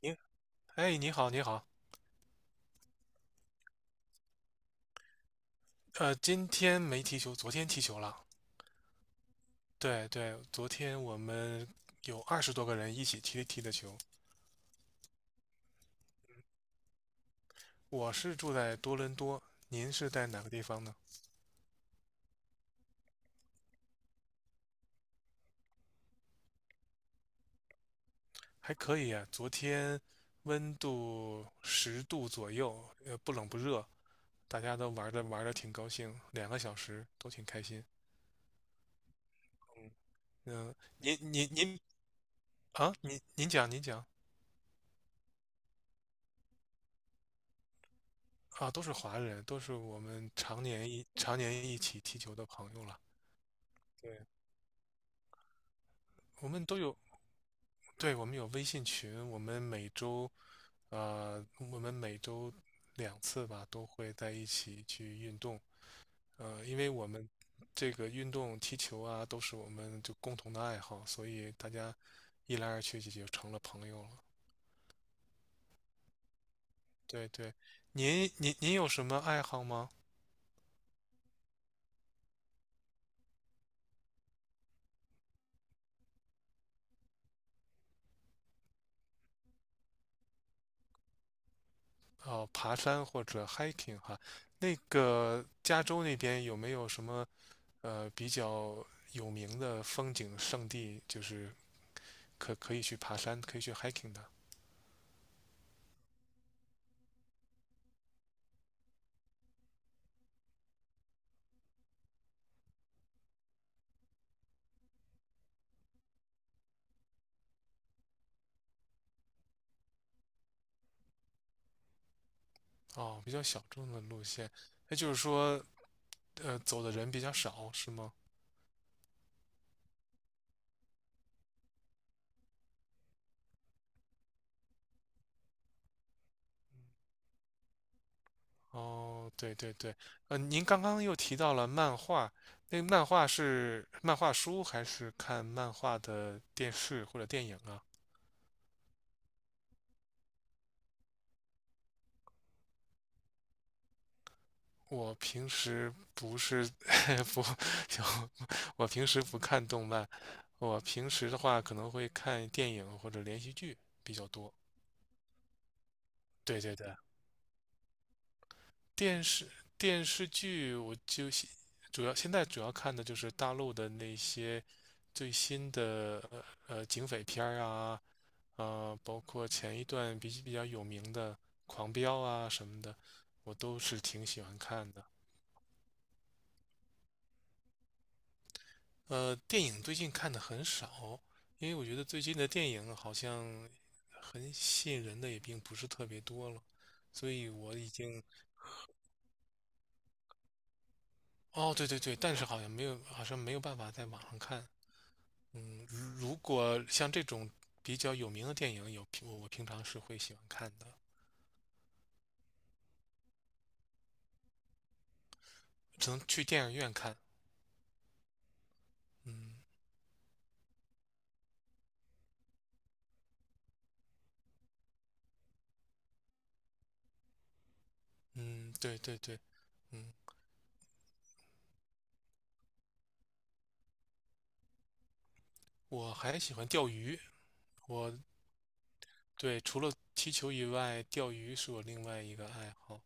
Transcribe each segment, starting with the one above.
您哎，你好，你好，今天没踢球，昨天踢球了。对对，昨天我们有20多个人一起踢的球。我是住在多伦多，您是在哪个地方呢？还可以啊，昨天温度10度左右，不冷不热，大家都玩的挺高兴，2个小时都挺开心。嗯、您您您您讲。啊，都是华人，都是我们常年一起踢球的朋友了。我们都有，对，我们有微信群，我们每周2次吧，都会在一起去运动。因为我们这个运动踢球啊，都是我们就共同的爱好，所以大家一来二去就成了朋友了。对对，您有什么爱好吗？哦，爬山或者 hiking 哈，那个加州那边有没有什么比较有名的风景胜地，就是可以去爬山，可以去 hiking 的。哦，比较小众的路线，那就是说，走的人比较少，是吗？哦，对对对，您刚刚又提到了漫画，那漫画是漫画书还是看漫画的电视或者电影啊？我平时不是 不，就我平时不看动漫，我平时的话可能会看电影或者连续剧比较多。对对对。电视电视剧，我就现主要看的就是大陆的那些最新的警匪片儿啊，包括前一段比较有名的《狂飙》啊什么的，我都是挺喜欢看的。电影最近看的很少，因为我觉得最近的电影好像很吸引人的也并不是特别多了，所以我已经。哦，对对对，但是好像没有办法在网上看。如果像这种比较有名的电影，我平常是会喜欢看的。只能去电影院看。嗯嗯，对对对。嗯，我还喜欢钓鱼。我对，除了踢球以外，钓鱼是我另外一个爱好。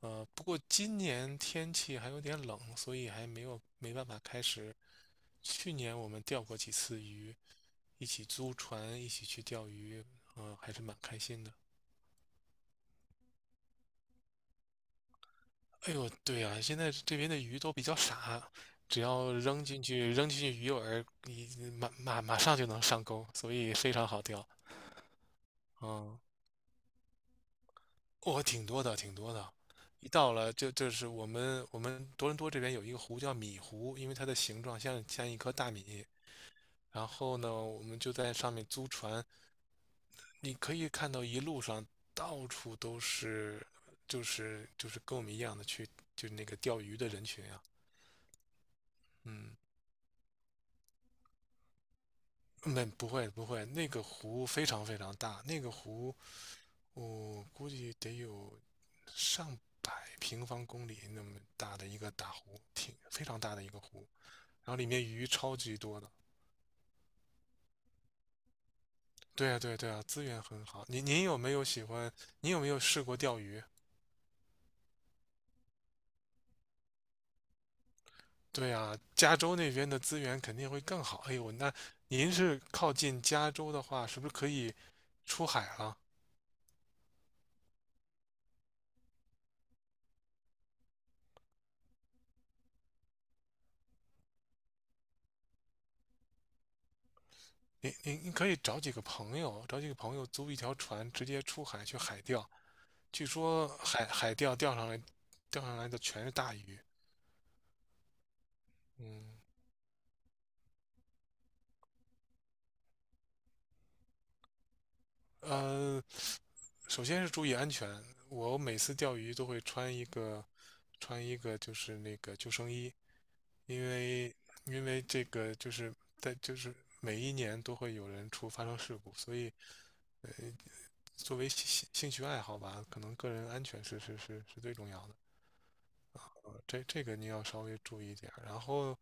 不过今年天气还有点冷，所以还没办法开始。去年我们钓过几次鱼，一起租船，一起去钓鱼，还是蛮开心的。哎呦，对啊，现在这边的鱼都比较傻，只要扔进去鱼饵，你马上就能上钩，所以非常好钓。嗯，挺多的，挺多的。一到了，就是我们多伦多这边有一个湖叫米湖，因为它的形状像一颗大米。然后呢，我们就在上面租船，你可以看到一路上到处都是，就是跟我们一样的去，就是那个钓鱼的人群啊。嗯。没不会不会，那个湖非常非常大，那个湖我估计得有上百平方公里那么大的一个大湖，挺非常大的一个湖，然后里面鱼超级多的。对啊对啊对啊，资源很好。您有没有喜欢？您有没有试过钓鱼？对啊，加州那边的资源肯定会更好。哎呦，那您是靠近加州的话，是不是可以出海了？您可以找几个朋友，租一条船，直接出海去海钓。据说海钓钓上来的全是大鱼。嗯，呃，首先是注意安全。我每次钓鱼都会穿一个就是那个救生衣，因为这个就是在就是每一年都会有人发生事故，所以作为兴趣爱好吧，可能个人安全是最重要的。这个你要稍微注意一点，然后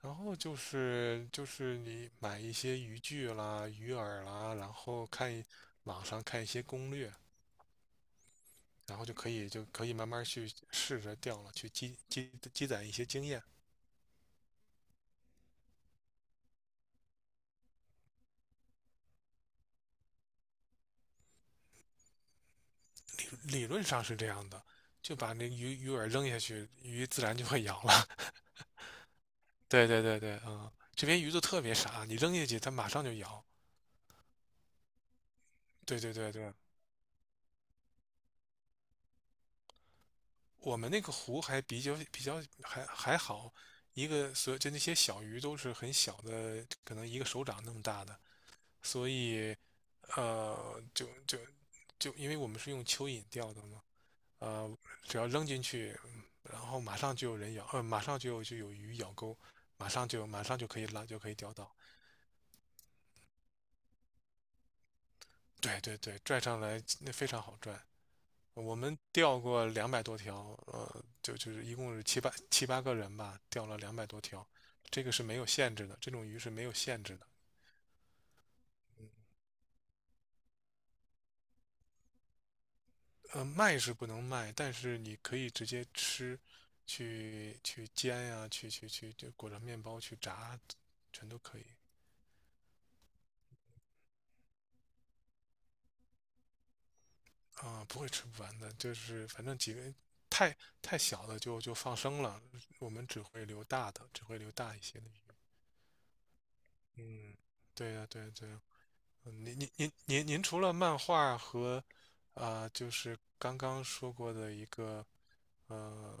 就是你买一些渔具啦、鱼饵啦，然后网上看一些攻略，然后就可以慢慢去试着钓了，去积攒一些经验。理理论上是这样的，就把那鱼饵扔下去，鱼自然就会咬了。对对对对，这边鱼都特别傻，你扔下去它马上就咬。对对对对，我们那个湖还比较还好，一个所就那些小鱼都是很小的，可能一个手掌那么大的。所以呃，就就就因为我们是用蚯蚓钓的嘛。呃，只要扔进去，然后马上就有人咬，马上就有鱼咬钩，马上就可以拉，就可以钓到。对对对，拽上来那非常好拽。我们钓过两百多条，就是一共是七八个人吧，钓了两百多条，这个是没有限制的，这种鱼是没有限制的。卖是不能卖，但是你可以直接吃，去煎呀、去去去就裹着面包去炸，全都可以。啊、不会吃不完的。就是反正几个太太小的就放生了，我们只会留大一些的鱼。嗯，对呀、对呀、对呀。您除了漫画和，啊、就是刚刚说过的一个呃，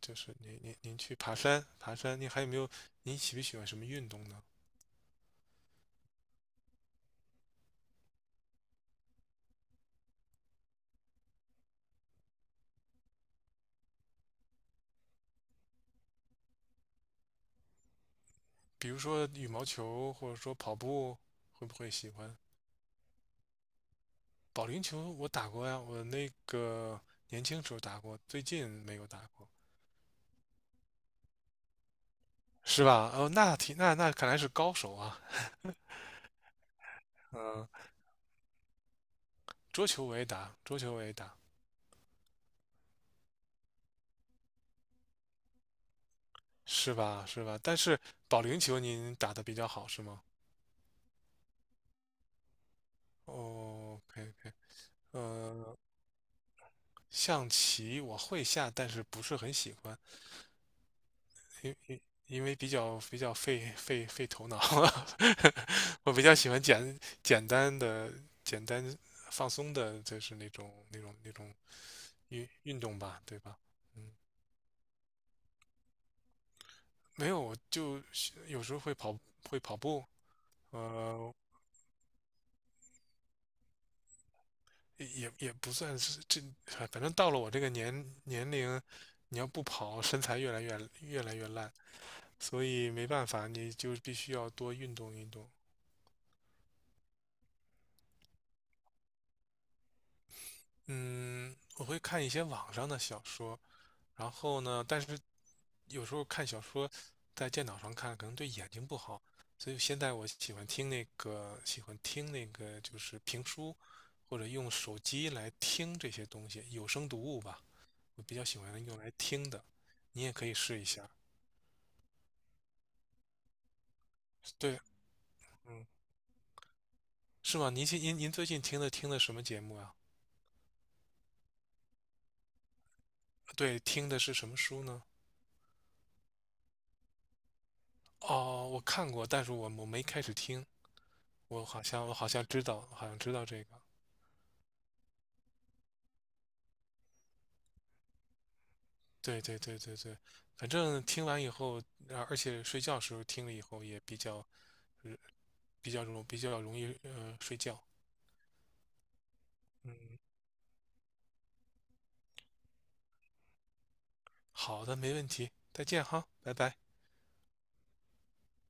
就是您去爬山，您还有没有？您喜不喜欢什么运动呢？比如说羽毛球，或者说跑步，会不会喜欢？保龄球我打过呀，我那个年轻时候打过，最近没有打过，是吧？哦，那挺那那看来是高手啊。嗯、桌球我也打，桌球我也打，是吧？是吧？但是保龄球您打得比较好，是吗？哦，OK OK。呃，象棋我会下，但是不是很喜欢。因因因为比较费头脑，我比较喜欢简单的、简单放松的，就是那种运动吧，对吧？嗯，没有，我就有时候会跑步，呃，也不算是这。反正到了我这个年龄，你要不跑，身材越来越烂，所以没办法，你就必须要多运动运动。嗯，我会看一些网上的小说，然后呢，但是有时候看小说在电脑上看可能对眼睛不好，所以现在我喜欢听那个就是评书，或者用手机来听这些东西，有声读物吧，我比较喜欢用来听的，你也可以试一下。对，是吗？您最近听的什么节目啊？对，听的是什么书呢？哦，我看过，但是我没开始听。我好像知道，这个。对对对对对，反正听完以后，啊而且睡觉时候听了以后也比较，呃比较容易睡觉。嗯，好的，没问题，再见哈，拜拜。